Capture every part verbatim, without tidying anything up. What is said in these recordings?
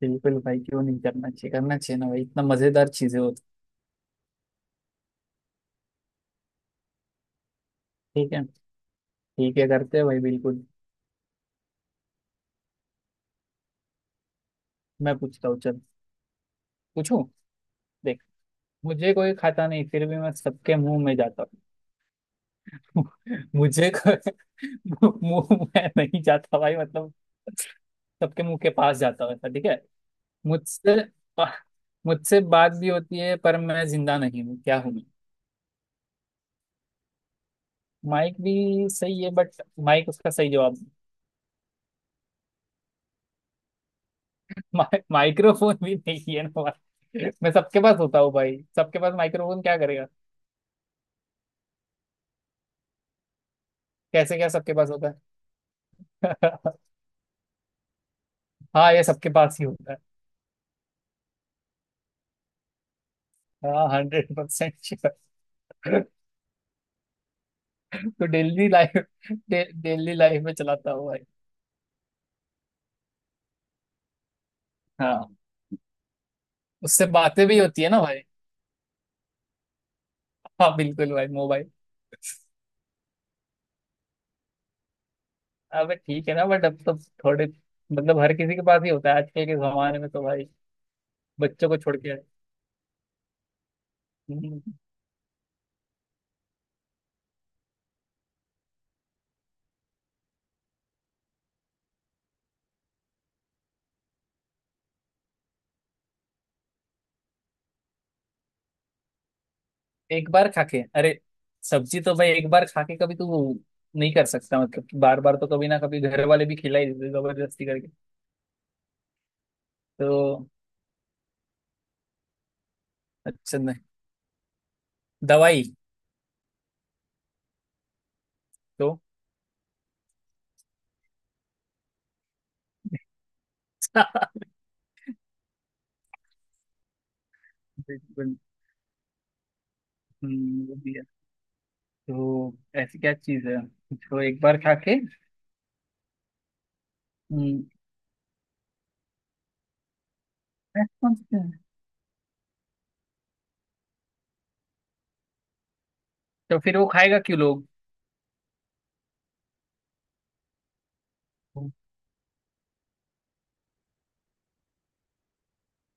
बिल्कुल भाई। क्यों नहीं करना चाहिए? करना चाहिए ना भाई, इतना मजेदार चीजें होती। ठीक है। ठीक है, करते हैं भाई, बिल्कुल। मैं पूछता हूँ, चल। पूछूं? देख, मुझे कोई खाता नहीं, फिर भी मैं सबके मुंह में जाता हूँ। मुझे कोई मुंह में नहीं जाता भाई, मतलब सबके मुंह के पास जाता हूँ, ऐसा, ठीक है। मुझसे मुझसे बात भी होती है पर मैं जिंदा नहीं हूँ। क्या हूँ मैं? माइक भी सही है बट माइक उसका सही जवाब, मा, माइक्रोफोन भी नहीं है ना भाई। मैं सबके पास होता हूँ भाई, सबके पास माइक्रोफोन क्या करेगा? कैसे, क्या सबके पास होता है? हाँ, ये सबके पास ही होता है। हाँ, हंड्रेड परसेंट श्योर। तो daily life, day, daily life में चलाता हूँ भाई। हाँ, उससे बातें भी होती है ना भाई। हाँ बिल्कुल भाई, मोबाइल। अबे ठीक है ना, बट अब तो थोड़े, मतलब हर किसी के पास ही होता है आजकल के जमाने में तो भाई। बच्चों को छोड़ के। एक बार खा के? अरे सब्जी तो भाई एक बार खा के कभी तू नहीं कर सकता, मतलब कि बार बार तो कभी ना कभी घर वाले भी खिला ही देते जबरदस्ती करके। तो अच्छा नहीं। दवाई तो बिल्कुल। हम्म, वो भी है। तो ऐसी क्या चीज है जो एक बार खा के। हम्म, ऐसा कौन सी चीज़ है? तो फिर वो खाएगा क्यों लोग?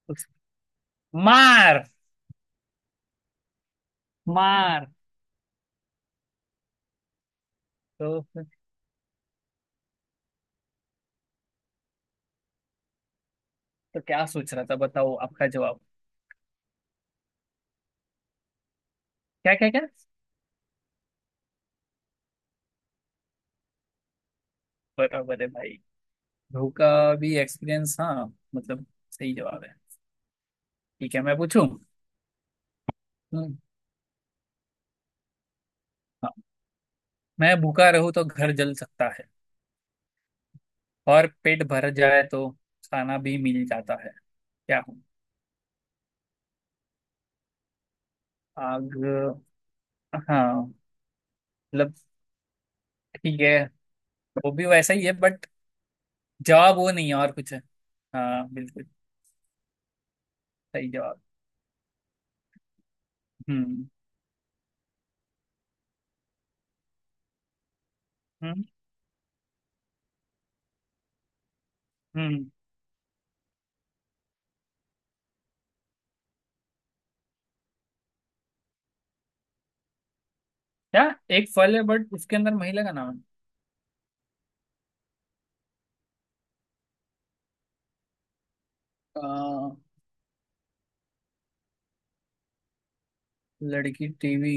उस- मार मार तो तो क्या सोच रहा था? बताओ आपका जवाब। क्या क्या क्या? बराबर है भाई। ध्रुव का भी एक्सपीरियंस, हाँ मतलब सही जवाब है। ठीक है, मैं पूछूं। हम्म, हाँ। मैं भूखा रहूं तो घर जल सकता है और पेट भर जाए तो खाना भी मिल जाता है। क्या हूँ? आग। हाँ, मतलब ठीक है, वो भी वैसा ही है बट जवाब वो नहीं है, और कुछ है। हाँ बिल्कुल, सही जवाब। हम्म। हम्म। हम्म, क्या? एक फल है बट उसके अंदर महिला का नाम है? आ, लड़की टीवी?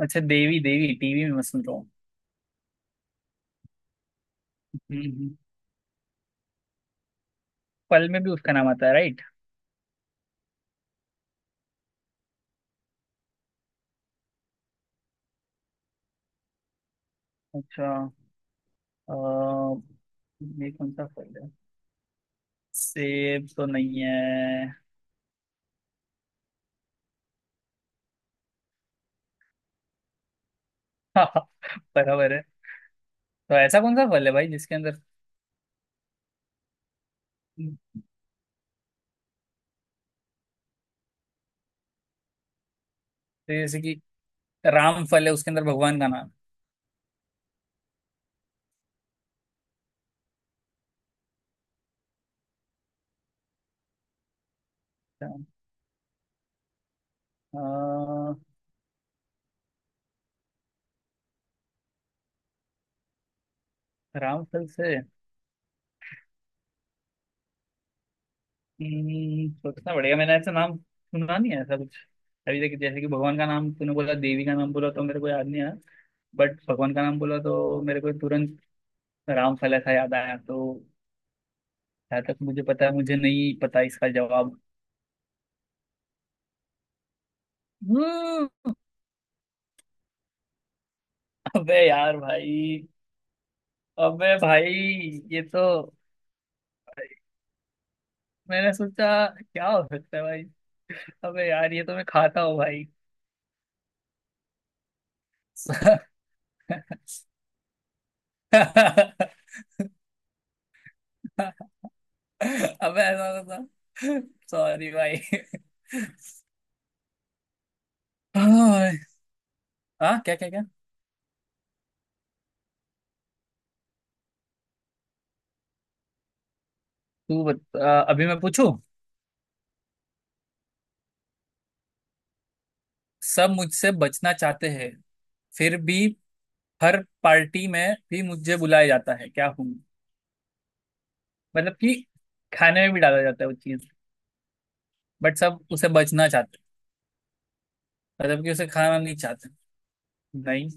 अच्छा, देवी। देवी टीवी में मैं सुन रहा हूँ। फल में भी उसका नाम आता है, राइट? अच्छा, अ, ये कौन सा फल है? सेब तो नहीं है? बराबर है। तो ऐसा कौन सा फल है भाई जिसके अंदर, जैसे कि राम फल है उसके अंदर भगवान का नाम है। अच्छा, अ, राम फल से? हम्म, सोचना पड़ेगा, मैंने ऐसा नाम सुना नहीं है ऐसा कुछ अभी तक। जैसे कि भगवान का नाम तूने बोला, देवी का नाम बोला तो मेरे को याद नहीं आया, बट भगवान का नाम बोला तो मेरे को तुरंत राम फल ऐसा याद आया। तो जहाँ तक मुझे पता है, मुझे नहीं पता इसका जवाब। हम्म। अबे यार भाई, अबे भाई, ये तो, मैंने सोचा क्या हो सकता है भाई। अबे यार ये तो मैं खाता हूँ भाई। अबे ऐसा होता। सॉरी भाई। हाँ। हाँ, क्या क्या क्या? तू बता, अभी मैं पूछूं। सब मुझसे बचना चाहते हैं फिर भी हर पार्टी में भी मुझे बुलाया जाता है। क्या हूँ? मतलब कि खाने में भी डाला जाता है वो चीज बट सब उसे बचना चाहते हैं, मतलब कि उसे खाना नहीं चाहते। नहीं।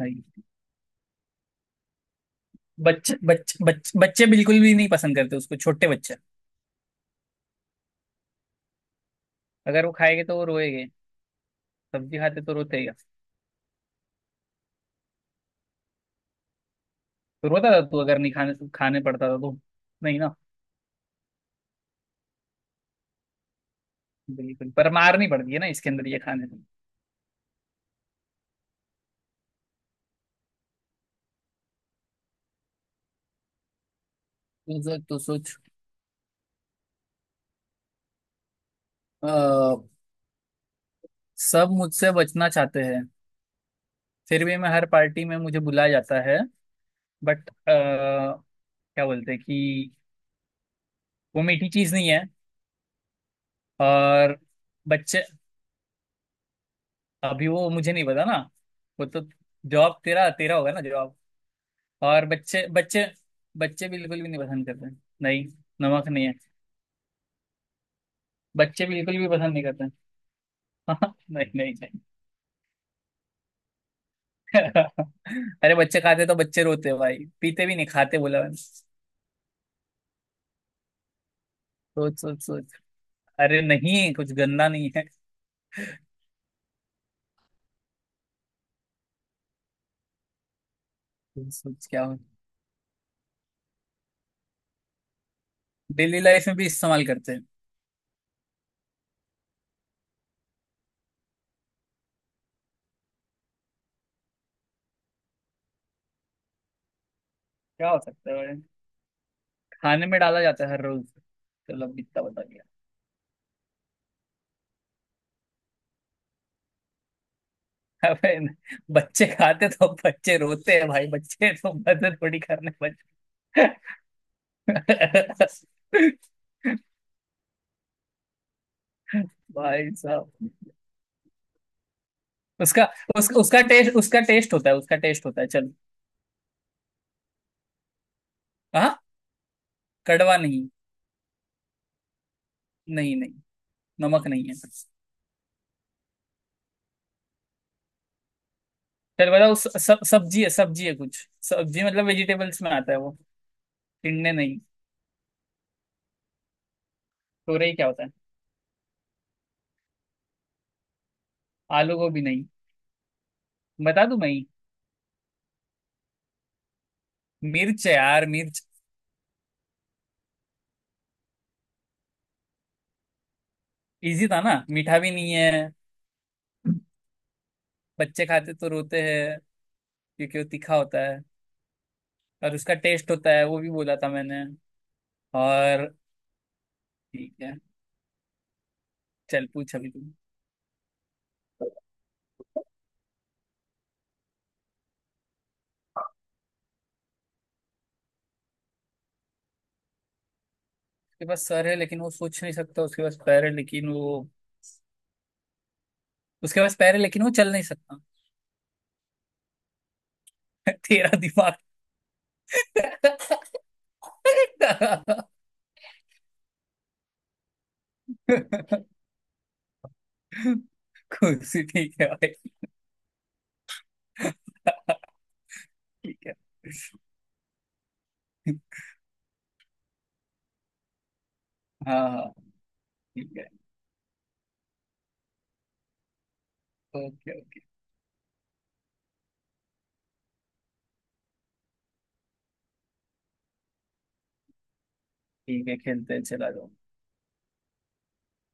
नहीं। बच्चे बच्चे बच्चे बच्चे बिल्कुल भी नहीं पसंद करते उसको, छोटे बच्चे। अगर वो खाएंगे तो वो रोएंगे। सब्जी खाते तो रोते ही हैं। तो रोता था तू अगर नहीं खाने खाने पड़ता था तो? नहीं ना? बिल्कुल, पर मारनी पड़ती है ना इसके अंदर, ये खाने में। तू सोच, तू सोच। अ, सब मुझसे बचना चाहते हैं फिर भी मैं हर पार्टी में मुझे बुलाया जाता है बट क्या बोलते हैं कि वो मीठी चीज नहीं है। और बच्चे, अभी वो मुझे नहीं पता ना, वो तो जॉब तेरा तेरा होगा ना जॉब। और बच्चे बच्चे बच्चे बिल्कुल भी नहीं पसंद करते। नहीं, नमक नहीं है। बच्चे बिल्कुल भी पसंद नहीं करते। नहीं नहीं नहीं। अरे बच्चे खाते तो बच्चे रोते भाई, पीते भी नहीं, खाते बोला मैंने। सोच सोच सोच। अरे नहीं, कुछ गंदा नहीं है। सोच सोच, क्या हो। डेली लाइफ में भी इस्तेमाल करते हैं। क्या हो सकता है भाई? खाने में डाला जाता है हर रोज। चलो अब इतना बता। अबे न- बच्चे खाते तो बच्चे रोते हैं भाई, बच्चे तो मदद थोड़ी करने, बच्चे। भाई साहब, उसका उसका उसका टेस्ट, उसका टेस्ट होता है, उसका टेस्ट होता है, चल। हाँ, कड़वा नहीं। नहीं नहीं, नमक नहीं है। चल बताओ, स- सब सब्जी है, सब्जी है कुछ, सब्जी मतलब वेजिटेबल्स में आता है वो। टिंडे नहीं। तोरई क्या होता है? आलू गोभी नहीं। बता दूं मैं ही? मिर्च है यार, मिर्च। इजी था ना, मीठा भी नहीं है। बच्चे खाते तो रोते हैं क्योंकि वो तीखा होता है, और उसका टेस्ट होता है वो भी बोला था मैंने। और ठीक है, चल पूछ अभी तू। उसके पास सर है लेकिन वो सोच नहीं सकता। उसके पास पैर है लेकिन वो, उसके पास पैर है लेकिन वो चल नहीं सकता। तेरा दिमाग। कुर्सी? ठीक है भाई। ठीक है। हाँ हाँ, ठीक है। Okay okay. ठीक है, खेलते हैं, चला जाओ।